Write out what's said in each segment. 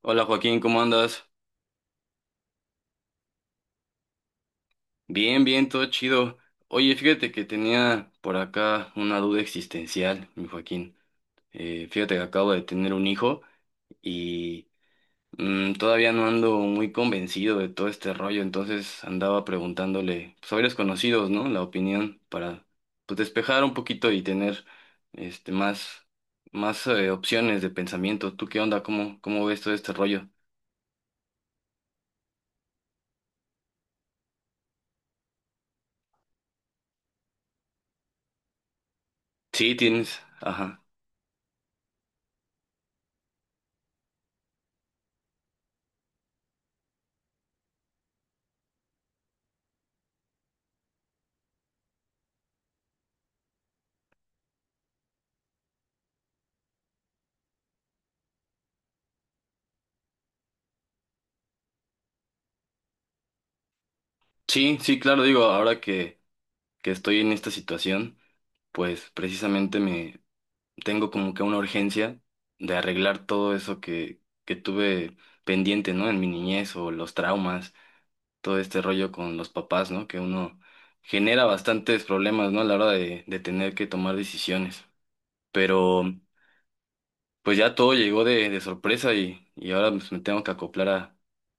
Hola Joaquín, ¿cómo andas? Bien, bien, todo chido. Oye, fíjate que tenía por acá una duda existencial, mi Joaquín. Fíjate que acabo de tener un hijo y todavía no ando muy convencido de todo este rollo, entonces andaba preguntándole, pues, a varios conocidos, ¿no? La opinión para, pues, despejar un poquito y tener más, más opciones de pensamiento. ¿Tú qué onda? ¿Cómo, cómo ves todo este rollo? Sí, tienes, ajá. Sí, sí, claro, digo, ahora que estoy en esta situación, pues precisamente me tengo como que una urgencia de arreglar todo eso que tuve pendiente, ¿no? En mi niñez, o los traumas, todo este rollo con los papás, ¿no? Que uno genera bastantes problemas, ¿no? A la hora de tener que tomar decisiones. Pero pues ya todo llegó de sorpresa y ahora, pues, me tengo que acoplar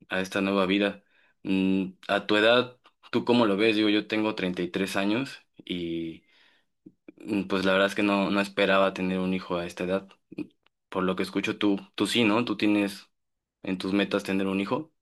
a esta nueva vida. A tu edad, ¿tú cómo lo ves? Digo, yo tengo 33 años y... Pues la verdad es que no, no esperaba tener un hijo a esta edad. Por lo que escucho, tú sí, ¿no? Tú tienes en tus metas tener un hijo.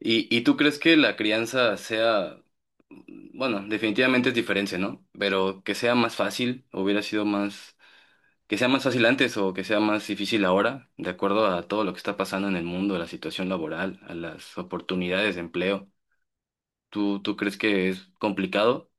Y tú crees que la crianza sea, bueno, definitivamente es diferente, ¿no? Pero que sea más fácil, hubiera sido más, que sea más fácil antes o que sea más difícil ahora, de acuerdo a todo lo que está pasando en el mundo, a la situación laboral, a las oportunidades de empleo. ¿Tú, tú crees que es complicado?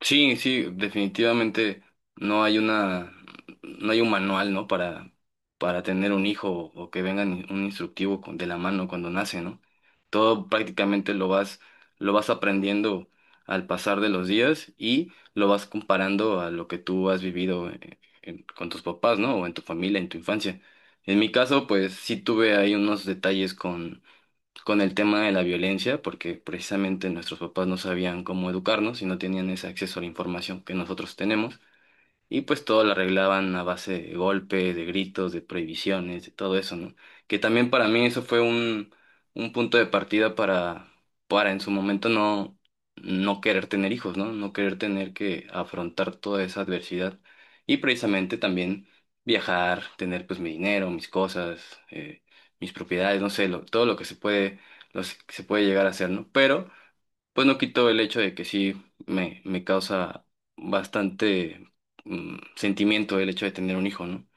Sí, sí, definitivamente no hay una, no hay un manual, ¿no? Para tener un hijo o que venga un instructivo de la mano cuando nace, ¿no? Todo prácticamente lo vas aprendiendo al pasar de los días y lo vas comparando a lo que tú has vivido con tus papás, ¿no? O en tu familia, en tu infancia. En mi caso, pues sí tuve ahí unos detalles con el tema de la violencia, porque precisamente nuestros papás no sabían cómo educarnos y no tenían ese acceso a la información que nosotros tenemos. Y pues todo lo arreglaban a base de golpes, de gritos, de prohibiciones, de todo eso, ¿no? Que también para mí eso fue un punto de partida para en su momento no, no querer tener hijos, ¿no? No querer tener que afrontar toda esa adversidad. Y precisamente también viajar, tener pues mi dinero, mis cosas, eh, mis propiedades, no sé, todo lo que se puede, lo que se puede llegar a hacer, ¿no? Pero pues no quito el hecho de que sí me causa bastante sentimiento el hecho de tener un hijo, ¿no?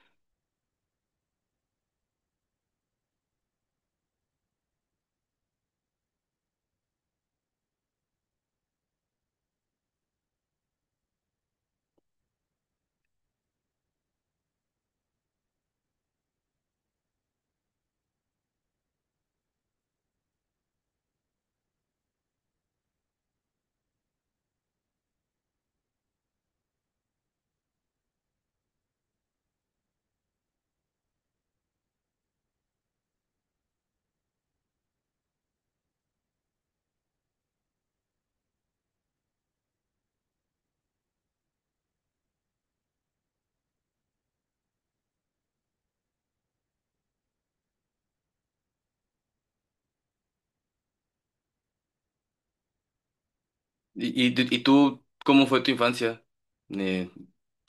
¿Y, y tú, cómo fue tu infancia? Eh,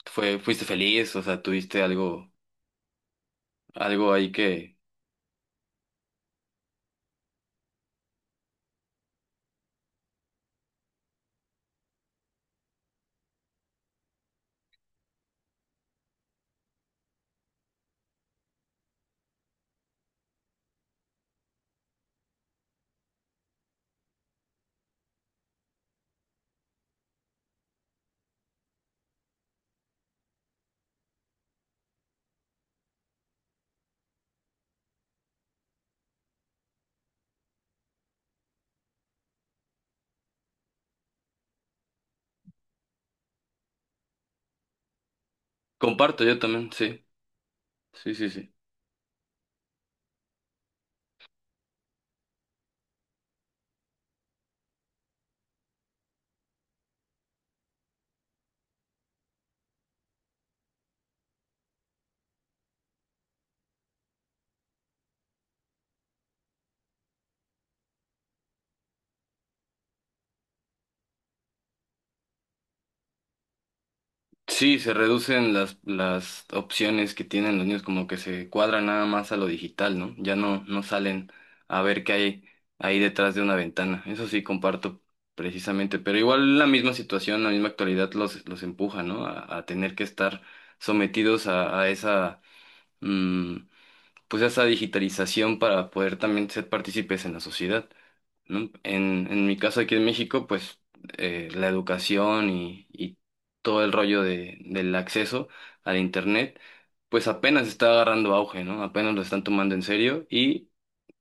Fue, ¿fuiste feliz? O sea, ¿tuviste algo, algo ahí que comparto yo también? Sí, sí, sí, sí. Sí, se reducen las opciones que tienen los niños, como que se cuadran nada más a lo digital, ¿no? Ya no, no salen a ver qué hay ahí detrás de una ventana. Eso sí comparto precisamente, pero igual la misma situación, la misma actualidad los empuja, ¿no? A tener que estar sometidos a esa, mm, pues a esa digitalización para poder también ser partícipes en la sociedad, ¿no? En mi caso aquí en México, pues la educación y todo el rollo de, del acceso al Internet, pues apenas está agarrando auge, ¿no? Apenas lo están tomando en serio y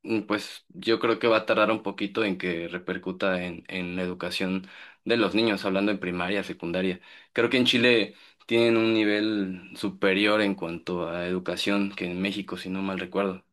pues yo creo que va a tardar un poquito en que repercuta en la educación de los niños, hablando en primaria, secundaria. Creo que en Chile tienen un nivel superior en cuanto a educación que en México, si no mal recuerdo.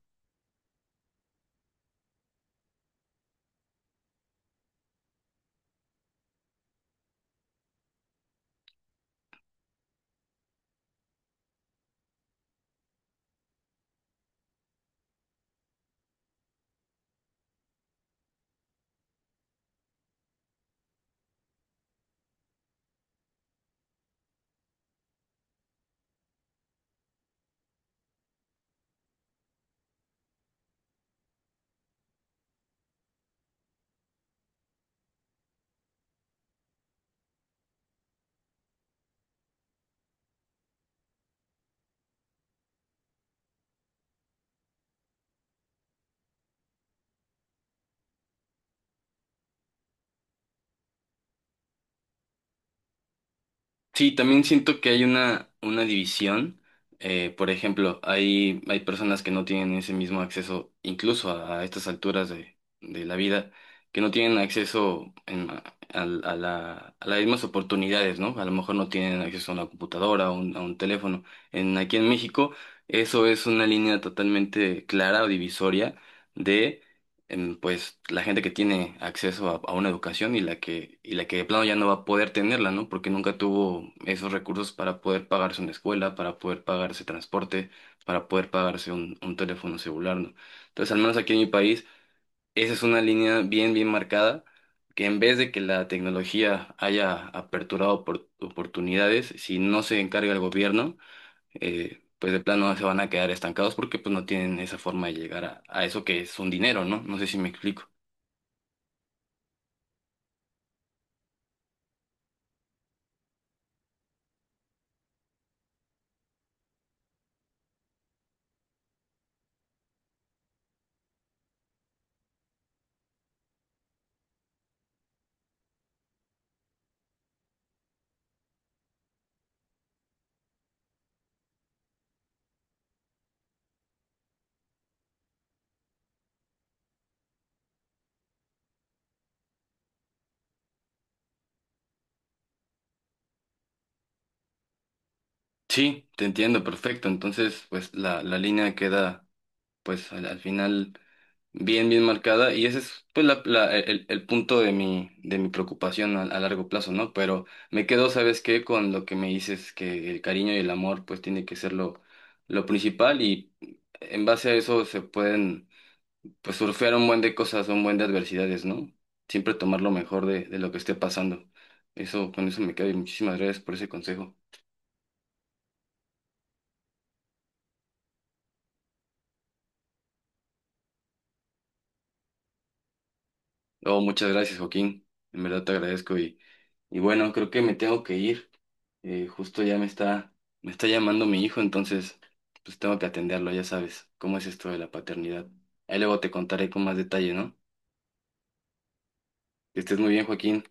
Sí, también siento que hay una división. Por ejemplo, hay personas que no tienen ese mismo acceso, incluso a estas alturas de la vida, que no tienen acceso a, a las mismas oportunidades, ¿no? A lo mejor no tienen acceso a una computadora o a un teléfono. En, aquí en México, eso es una línea totalmente clara o divisoria, pues la gente que tiene acceso a una educación y la que de plano ya no va a poder tenerla, ¿no? Porque nunca tuvo esos recursos para poder pagarse una escuela, para poder pagarse transporte, para poder pagarse un teléfono celular, ¿no? Entonces, al menos aquí en mi país, esa es una línea bien, bien marcada, que en vez de que la tecnología haya aperturado oportunidades, si no se encarga el gobierno, pues de plano se van a quedar estancados porque pues no tienen esa forma de llegar a eso que es un dinero, ¿no? No sé si me explico. Sí, te entiendo, perfecto. Entonces, pues la línea queda, pues al, al final, bien, bien marcada. Y ese es, pues, la, el punto de mi preocupación a largo plazo, ¿no? Pero me quedo, ¿sabes qué? Con lo que me dices, que el cariño y el amor, pues, tiene que ser lo principal. Y en base a eso se pueden, pues, surfear un buen de cosas, un buen de adversidades, ¿no? Siempre tomar lo mejor de lo que esté pasando. Eso, con eso me quedo y muchísimas gracias por ese consejo. Oh, muchas gracias, Joaquín. En verdad te agradezco y bueno, creo que me tengo que ir. Justo ya me está llamando mi hijo, entonces pues tengo que atenderlo, ya sabes, cómo es esto de la paternidad. Ahí luego te contaré con más detalle, ¿no? Que estés muy bien, Joaquín.